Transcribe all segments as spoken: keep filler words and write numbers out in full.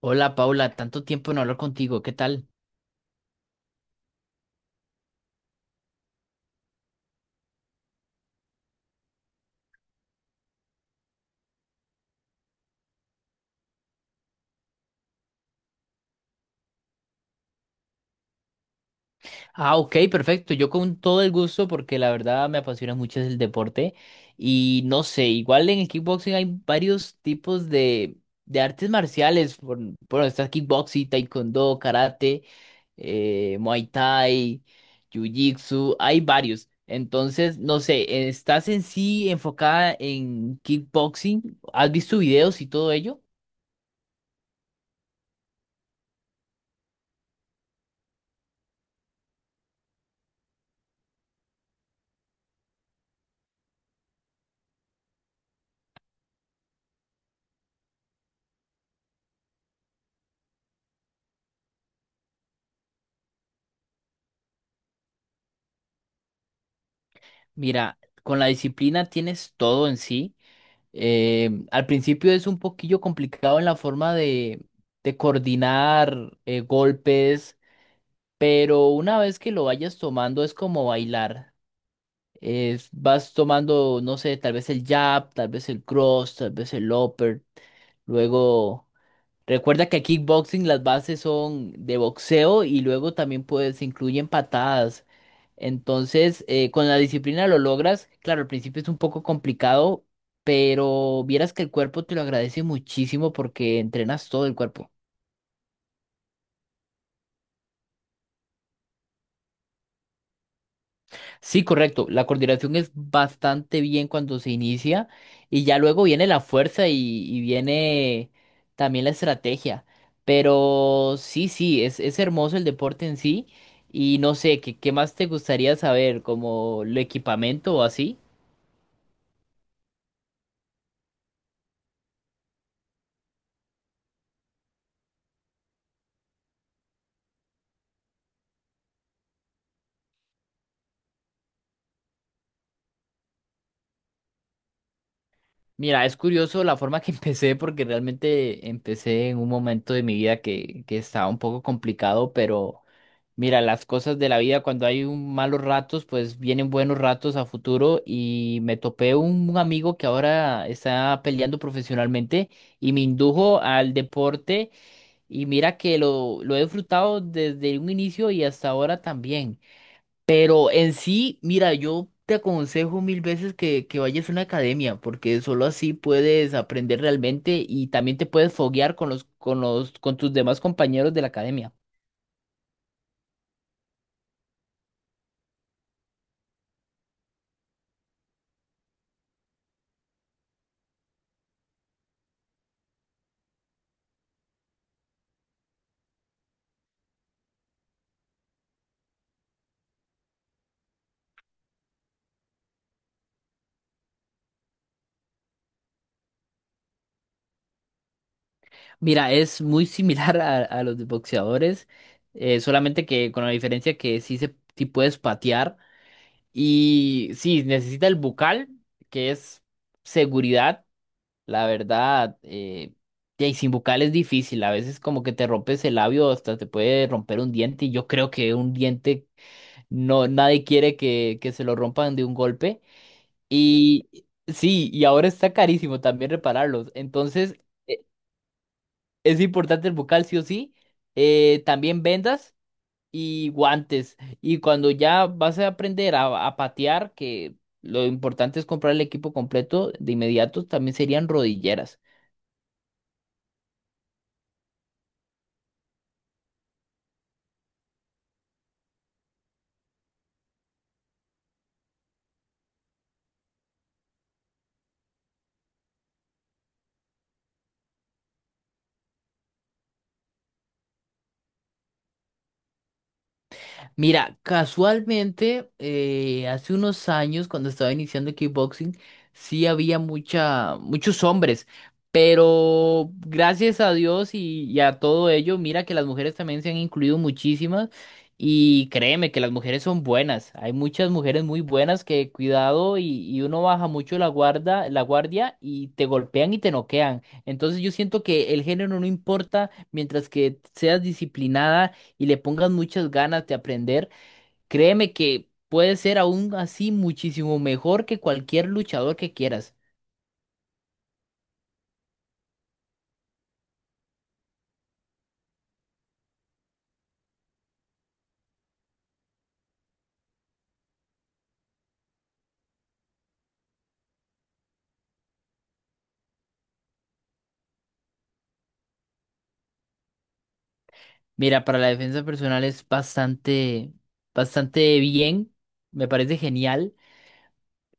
Hola Paula, tanto tiempo no hablar contigo, ¿qué tal? Ah, ok, perfecto, yo con todo el gusto porque la verdad me apasiona mucho el deporte y no sé, igual en el kickboxing hay varios tipos de, de artes marciales, por, bueno, está kickboxing, taekwondo, karate, eh, muay thai, jiu-jitsu, hay varios. Entonces, no sé, ¿estás en sí enfocada en kickboxing? ¿Has visto videos y todo ello? Mira, con la disciplina tienes todo en sí. Eh, al principio es un poquillo complicado en la forma de, de coordinar eh, golpes, pero una vez que lo vayas tomando es como bailar. Es- vas tomando, no sé, tal vez el jab, tal vez el cross, tal vez el upper, luego. Recuerda que kickboxing las bases son de boxeo y luego también puedes se incluyen patadas. Entonces, eh, con la disciplina lo logras. Claro, al principio es un poco complicado, pero vieras que el cuerpo te lo agradece muchísimo porque entrenas todo el cuerpo. Sí, correcto. La coordinación es bastante bien cuando se inicia y ya luego viene la fuerza y, y viene también la estrategia. Pero sí, sí, es, es hermoso el deporte en sí y no sé, ¿qué, qué más te gustaría saber? ¿Como el equipamiento o así? Mira, es curioso la forma que empecé porque realmente empecé en un momento de mi vida que, que estaba un poco complicado, pero. Mira, las cosas de la vida, cuando hay un malos ratos, pues vienen buenos ratos a futuro y me topé un, un amigo que ahora está peleando profesionalmente y me indujo al deporte y mira que lo, lo he disfrutado desde un inicio y hasta ahora también. Pero en sí, mira, yo te aconsejo mil veces que, que vayas a una academia porque solo así puedes aprender realmente y también te puedes foguear con los, con los, con tus demás compañeros de la academia. Mira, es muy similar a, a los de boxeadores, eh, solamente que con la diferencia que sí, se, sí puedes patear y sí, necesita el bucal, que es seguridad. La verdad, eh, y sin bucal es difícil, a veces como que te rompes el labio, hasta te puede romper un diente y yo creo que un diente, no, nadie quiere que, que se lo rompan de un golpe. Y sí, y ahora está carísimo también repararlos. Entonces. Es importante el bucal, sí o sí. Eh, también vendas y guantes. Y cuando ya vas a aprender a, a patear, que lo importante es comprar el equipo completo de inmediato, también serían rodilleras. Mira, casualmente, eh, hace unos años, cuando estaba iniciando kickboxing, sí había mucha, muchos hombres, pero gracias a Dios y, y a todo ello, mira que las mujeres también se han incluido muchísimas y créeme que las mujeres son buenas. Hay muchas mujeres muy buenas que cuidado y, y uno baja mucho la guarda, la guardia y te golpean y te noquean. Entonces yo siento que el género no importa mientras que seas disciplinada y le pongas muchas ganas de aprender, créeme que puede ser aún así muchísimo mejor que cualquier luchador que quieras. Mira, para la defensa personal es bastante, bastante bien, me parece genial.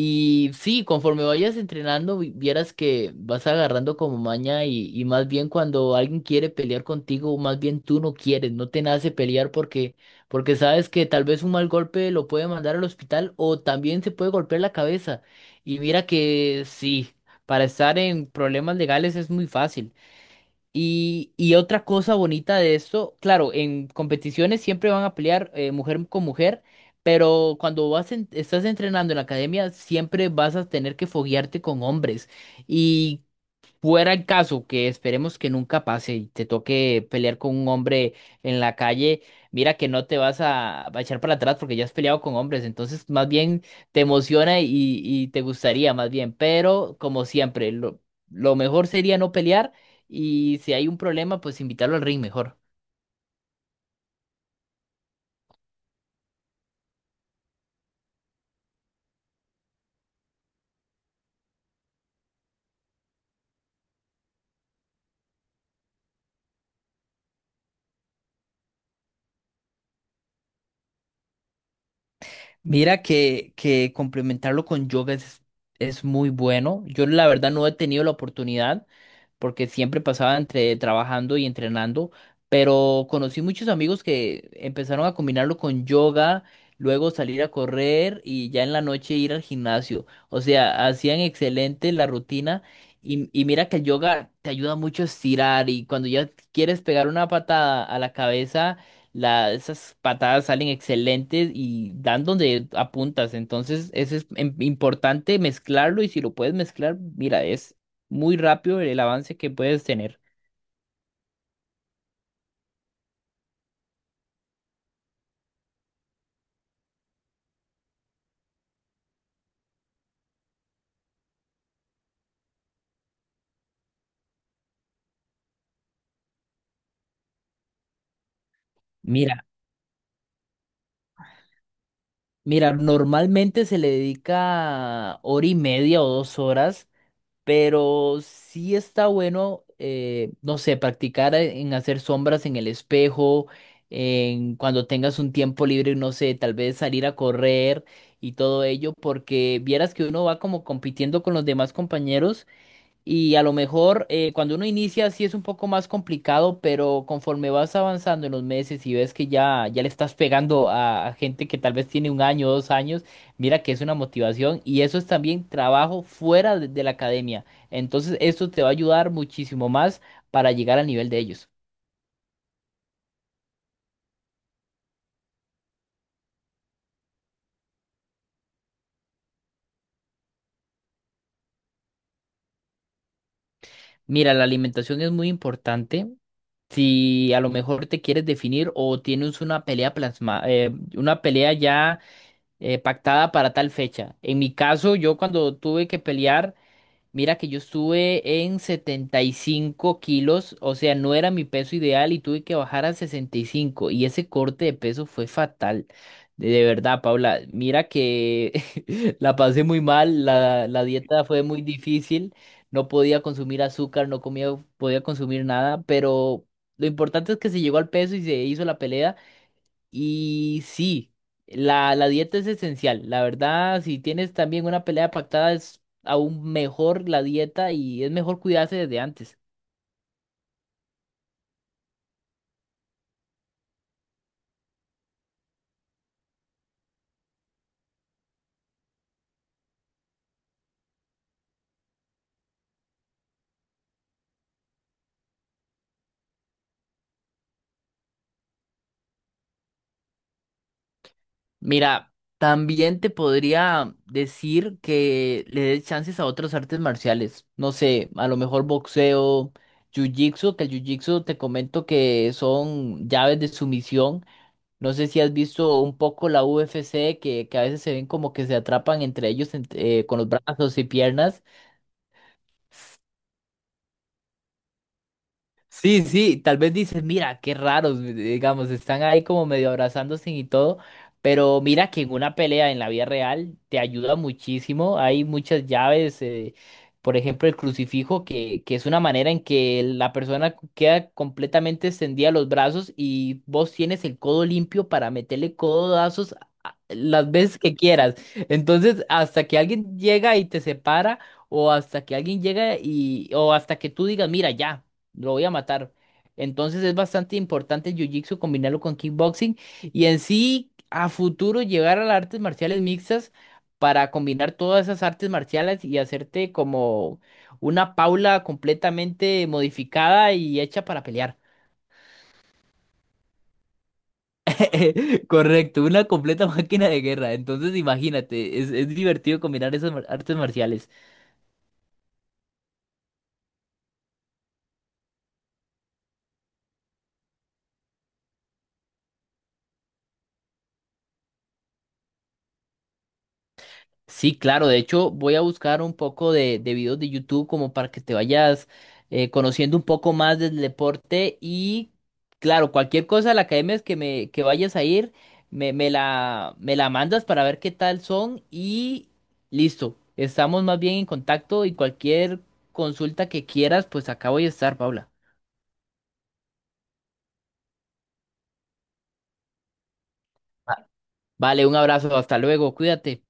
Y sí, conforme vayas entrenando, vi- vieras que vas agarrando como maña y, y más bien cuando alguien quiere pelear contigo, más bien tú no quieres, no te nace pelear porque, porque sabes que tal vez un mal golpe lo puede mandar al hospital o también se puede golpear la cabeza. Y mira que sí, para estar en problemas legales es muy fácil. Y, y otra cosa bonita de esto, claro, en competiciones siempre van a pelear eh, mujer con mujer, pero cuando vas en- estás entrenando en la academia siempre vas a tener que foguearte con hombres. Y fuera el caso que esperemos que nunca pase y te toque pelear con un hombre en la calle, mira que no te vas a, a echar para atrás porque ya has peleado con hombres, entonces más bien te emociona y, y te gustaría más bien, pero como siempre, lo, lo mejor sería no pelear y si hay un problema, pues invitarlo al ring mejor. Mira que, que complementarlo con yoga es, es muy bueno, yo la verdad no he tenido la oportunidad. Porque siempre pasaba entre trabajando y entrenando, pero conocí muchos amigos que empezaron a combinarlo con yoga, luego salir a correr y ya en la noche ir al gimnasio. O sea, hacían excelente la rutina y, y mira que el yoga te ayuda mucho a estirar y cuando ya quieres pegar una patada a la cabeza, la, esas patadas salen excelentes y dan donde apuntas. Entonces, eso es em- importante mezclarlo y si lo puedes mezclar, mira, es muy rápido el avance que puedes tener. Mira, mira, normalmente se le dedica hora y media o dos horas, pero sí está bueno, eh, no sé, practicar en hacer sombras en el espejo, en cuando tengas un tiempo libre, no sé, tal vez salir a correr y todo ello, porque vieras que uno va como compitiendo con los demás compañeros. Y a lo mejor eh, cuando uno inicia sí es un poco más complicado, pero conforme vas avanzando en los meses y ves que ya, ya le estás pegando a, a gente que tal vez tiene un año, dos años, mira que es una motivación y eso es también trabajo fuera de, de la academia. Entonces esto te va a ayudar muchísimo más para llegar al nivel de ellos. Mira, la alimentación es muy importante. Si a lo mejor te quieres definir o tienes una pelea plasma, eh, una pelea ya eh, pactada para tal fecha. En mi caso, yo cuando tuve que pelear, mira que yo estuve en setenta y cinco kilos, o sea, no era mi peso ideal y tuve que bajar a sesenta y cinco y cinco y ese corte de peso fue fatal. De, de verdad, Paula, mira que la pasé muy mal, la, la dieta fue muy difícil, no podía consumir azúcar, no comía, podía consumir nada, pero lo importante es que se llegó al peso y se hizo la pelea. Y sí, la, la dieta es esencial. La verdad, si tienes también una pelea pactada, es aún mejor la dieta y es mejor cuidarse desde antes. Mira, también te podría decir que le des chances a otras artes marciales. No sé, a lo mejor boxeo, jiu-jitsu, que el jiu-jitsu te comento que son llaves de sumisión. No sé si has visto un poco la U F C, que, que a veces se ven como que se atrapan entre ellos ent- eh, con los brazos y piernas. Sí, sí, tal vez dices, mira, qué raros, digamos, están ahí como medio abrazándose y todo, pero mira que en una pelea en la vida real te ayuda muchísimo, hay muchas llaves, eh, por ejemplo, el crucifijo, que, que es una manera en que la persona cu- queda completamente extendida los brazos y vos tienes el codo limpio para meterle codazos a- las veces que quieras. Entonces, hasta que alguien llega y te separa, o hasta que alguien llega y, o hasta que tú digas, mira, ya lo voy a matar. Entonces es bastante importante el jiu-jitsu combinarlo con kickboxing y en sí a futuro llegar a las artes marciales mixtas para combinar todas esas artes marciales y hacerte como una Paula completamente modificada y hecha para pelear. Correcto, una completa máquina de guerra. Entonces imagínate, es, es divertido combinar esas mar- artes marciales. Sí, claro. De hecho, voy a buscar un poco de, de videos de YouTube como para que te vayas eh, conociendo un poco más del deporte. Y claro, cualquier cosa de la academia es que me que vayas a ir, me, me la, me la mandas para ver qué tal son. Y listo. Estamos más bien en contacto y cualquier consulta que quieras, pues acá voy a estar, Paula. Va- Vale, un abrazo, hasta luego, cuídate.